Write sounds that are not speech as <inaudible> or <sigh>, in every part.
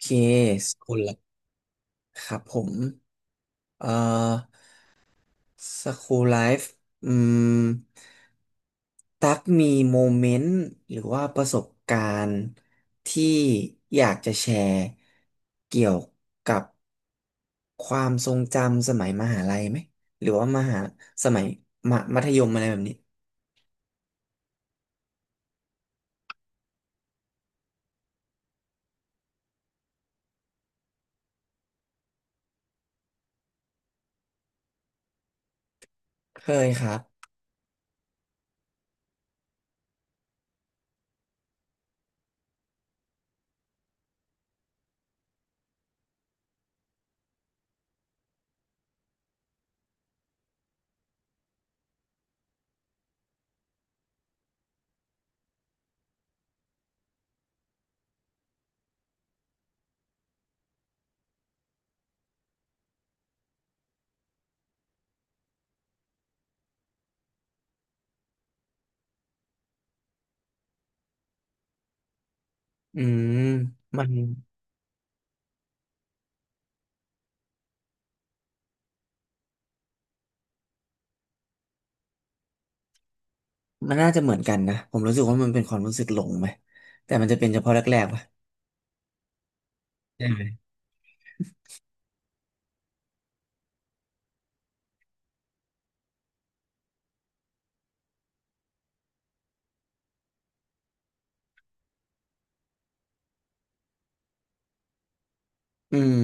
เคสกุลครับผม เอ่อสคูลไลฟ์อืม ตักมีโมเมนต์หรือว่าประสบการณ์ที่อยากจะแชร์เกี่ยวกับความทรงจำสมัยมหาลัยไหมหรือว่ามหาสมัยมมัธยมอะไรแบบนี้เคยครับอืมมันมันน่าจะเหมือนกันนะผมรู้สึกว่ามันเป็นความรู้สึกหลงไหมแต่มันจะเป็นเฉพาะแรกๆป่ะ อืม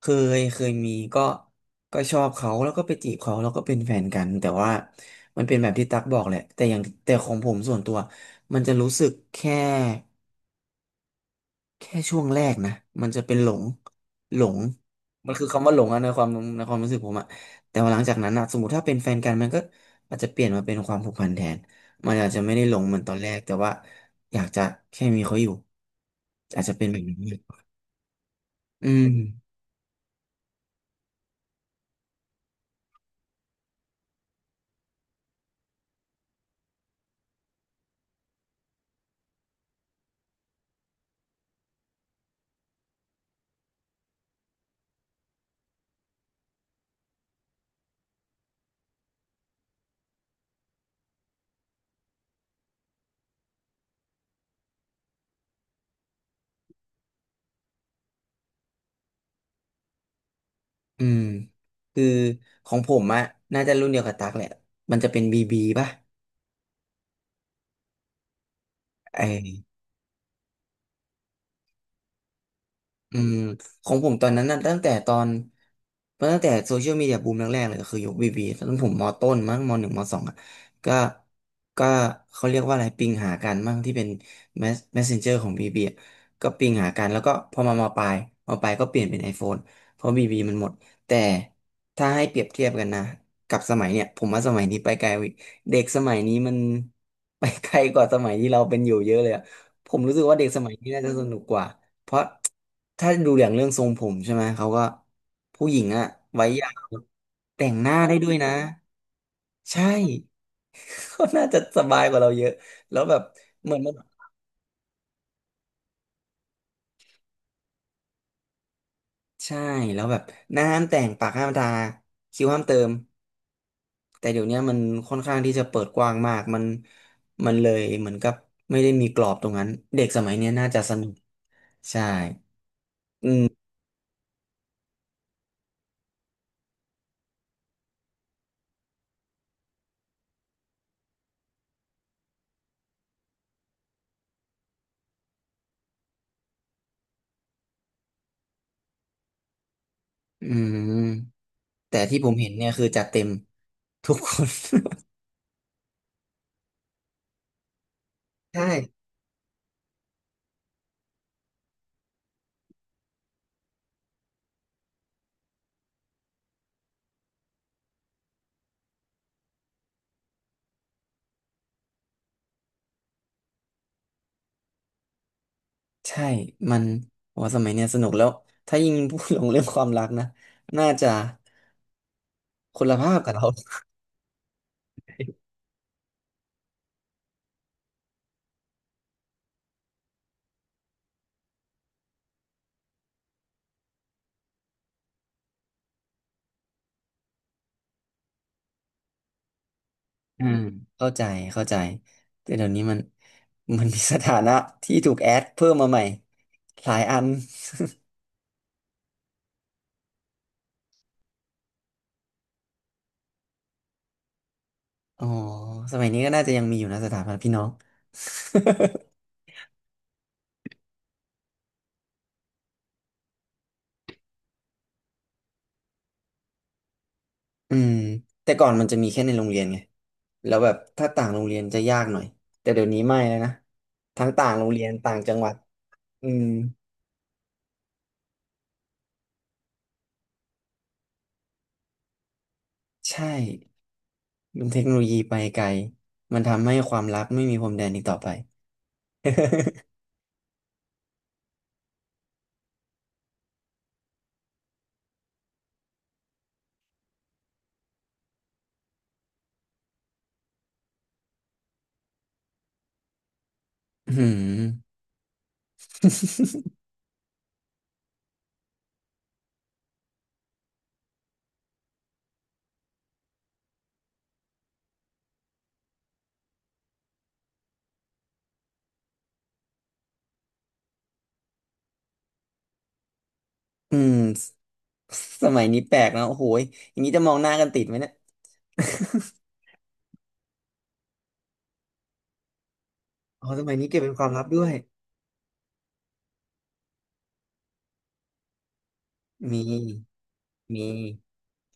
เคเคยมีก็ชอบเขาแล้วก็ไปจีบเขาแล้วก็เป็นแฟนกันแต่ว่ามันเป็นแบบที่ตั๊กบอกแหละแต่อย่างแต่ของผมส่วนตัวมันจะรู้สึกแค่ช่วงแรกนะมันจะเป็นหลงหลงมันคือคำว่าหลงอะในความรู้สึกผมอะแต่ว่าหลังจากนั้นอะสมมติถ้าเป็นแฟนกันมันก็อาจจะเปลี่ยนมาเป็นความผูกพันแทนมันอาจจะไม่ได้หลงเหมือนตอนแรกแต่ว่าอยากจะแค่มีเขาอยู่อาจจะเป็นแบบนั้นมากกว่าอืม อืมคือของผมอะน่าจะรุ่นเดียวกับตักแหละมันจะเป็นบีบีป่ะไออ อืมของผมตอนนั้นน่ะตั้งแต่ตอนตั้งแต่โซเชียลมีเดียบูมแรกๆเลยก็คือยุคบีบีตอนนั้นผมมอต้นมั้งมหนึ่งมสองอ่ะก็ก็เขาเรียกว่าอะไรปิงหากันมั้งที่เป็นแมสเมสเซนเจอร์ของบีบีก็ปิงหากันแล้วก็พอมามอปลายก็เปลี่ยนเป็น iPhone เพราะบีบีมันหมดแต่ถ้าให้เปรียบเทียบกันนะกับสมัยเนี่ยผมว่าสมัยนี้ไปไกลกว่าอีกเด็กสมัยนี้มัน <laughs> ไปไกลกว่าสมัยที่เราเป็นอยู่เยอะเลยอะ ผมรู้สึกว่าเด็กสมัยนี้น่าจะสนุกกว่าเพราะถ้าดูอย่างเรื่องทรงผมใช่ไหมเขาก็ผู้หญิงอะไว้ยาวแต่งหน้าได้ด้วยนะใช่ <laughs> ก็น่าจะสบายกว่าเราเยอะแล้วแบบเหมือนมันใช่แล้วแบบหน้าห้ามแต่งปากห้ามทาคิ้วห้ามเติมแต่เดี๋ยวเนี้ยมันค่อนข้างที่จะเปิดกว้างมากมันเลยเหมือนกับไม่ได้มีกรอบตรงนั้นเด็กสมัยเนี้ยน่าจะสนุกใช่อืมอืม แต่ที่ผมเห็นเนี่ยคือจัดเต็ม <laughs> ทุกคน <laughs> ใช่ใช่มันโอ้สมัยเนี่ยสนุกแล้วถ้ายิ่งพูดลงเรื่องความรักนะน่าจะคนละภาพกับเราอืม <laughs> เข้าใจเข้าใจแต่เดี๋ยวนี้มันมีสถานะที่ถูกแอดเพิ่มมาใหม่หลายอันอ๋อสมัยนี้ก็น่าจะยังมีอยู่นะสถาบันะพี่น้อง <laughs> อืมแต่ก่อนมันจะมีแค่ในโรงเรียนไงแล้วแบบถ้าต่างโรงเรียนจะยากหน่อยแต่เดี๋ยวนี้ไม่แล้วนะทั้งต่างโรงเรียนต่างจังหวัดอืมใช่มันเทคโนโลยีไปไกลมันทำให้ความลับไม่มีพรมแดนอีกต่อไป <laughs> อืมสมัยนี้แปลกนะโอ้โหยอย่างนี้จะมองหน้ากันติดไหมเนี่ยอ๋อสมัยนี้เก็บเป็นความลับด้วยมีมี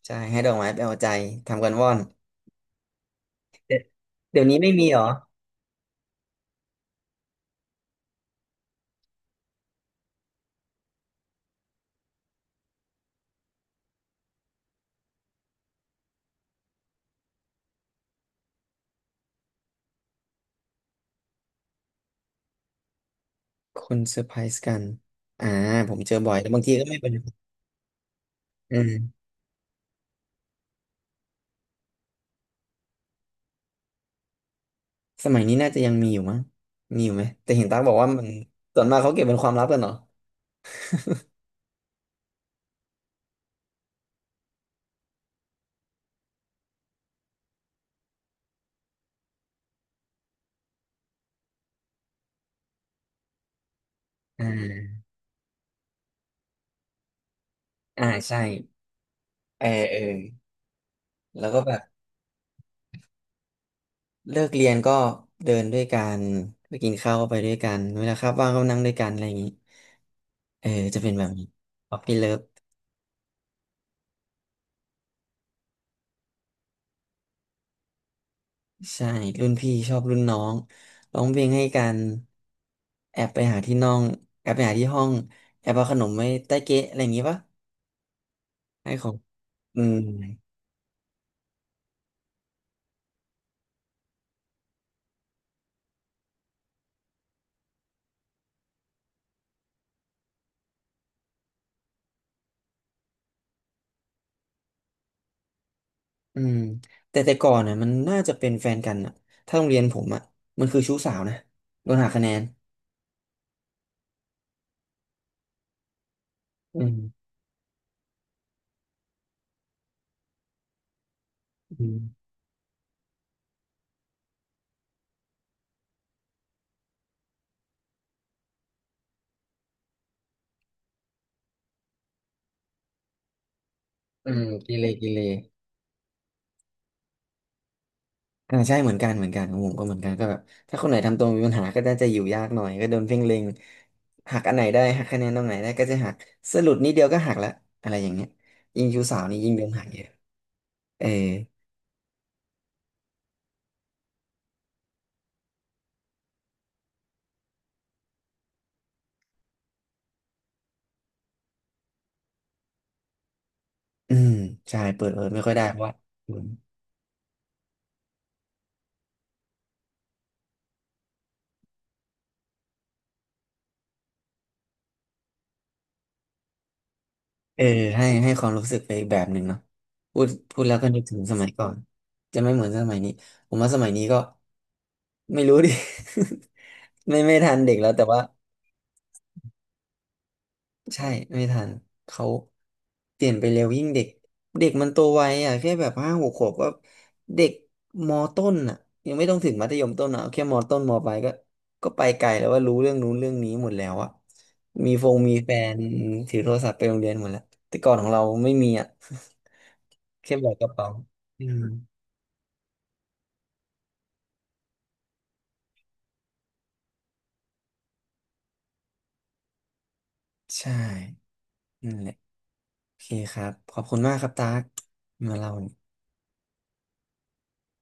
ใช่ให้ดอกไม้ไปเอาใจทำกันว่อนเดี๋ยวนี้ไม่มีเหรอ คนเซอร์ไพรส์กันอ่าผมเจอบ่อยแล้วบางทีก็ไม่เป็นอืมสมัยนี้น่าจะยังมีอยู่มั้งมีอยู่ไหมแต่เห็นตั๊กบอกว่ามันส่วนมากเขาเก็บเป็นความลับกันเหรออ่าอ่าใช่เออเออแล้วก็แบบเลิกเรียนก็เดินด้วยกันไปกินข้าวก็ไปด้วยกันเวลาครับว่างก็นั่งด้วยกันอะไรอย่างนี้เออจะเป็นแบบนี้ป๊อปปี้เลิฟใช่รุ่นพี่ชอบรุ่นน้องร้องเพลงให้กันแอบไปหาที่น้องแอบไปหาที่ห้องแอบเอาขนมไว้ใต้เก๊ะอะไรอย่างงี้ปะ ให้เขาอืมอืมแต่แต่ก่อนน่ะมันน่าจะเป็นแฟนกันอ่ะถ้าโรงเรียนผมอ่ะมันคือชู้สาวนะโดนหักคะแนนอืมอืมอืมกิเลกิเลอ่าใช่เหมือนกันเหมือนกันของผมก็เหมือนกันก็แบบถ้าคนไหนทำตัวมีปัญหาก็น่าจะอยู่ยากหน่อยก็โดนเพ่งเล็งหักอันไหนได้หักคะแนนตรงไหนได้ก็จะหักสรุปนิดเดียวก็หักละอะไรอย่างเงี้ยยิ่งชู้สาวนี่ยิ่งโดนหักเยอะเอออืมใช่เปิดเผยไม่ค่อยได้เพราะว่า เออให้ให้ความรู้สึกไปอีกแบบหนึ่งเนาะพูดแล้วก็นึกถึงสมัยก่อนจะไม่เหมือนสมัยนี้ผมว่าสมัยนี้ก็ไม่รู้ดิ <laughs> ไม่ทันเด็กแล้วแต่ว่า ใช่ไม่ทันเขาเปลี่ยนไปเร็วยิ่งเด็กเด็กมันโตไวอ่ะแค่แบบห้าหกขวบก็เด็กมอต้นอ่ะยังไม่ต้องถึงมัธยมต้นอ่ะเอาแค่มอต้นมอปลายก็ก็ไปไกลแล้วว่ารู้เรื่องนู้นเรื่องนี้หมดแล้วอ่ะมีฟงมีแฟนถือโทรศัพท์ไปโรงเรียนหมดแล้วแต่ก่อนของเราไม่มีอ่ะ <laughs> แค่แบกกระเป๋าอืมใช่นั่นแหละโอเคครับขอบคุณมากครับตากมาเล่า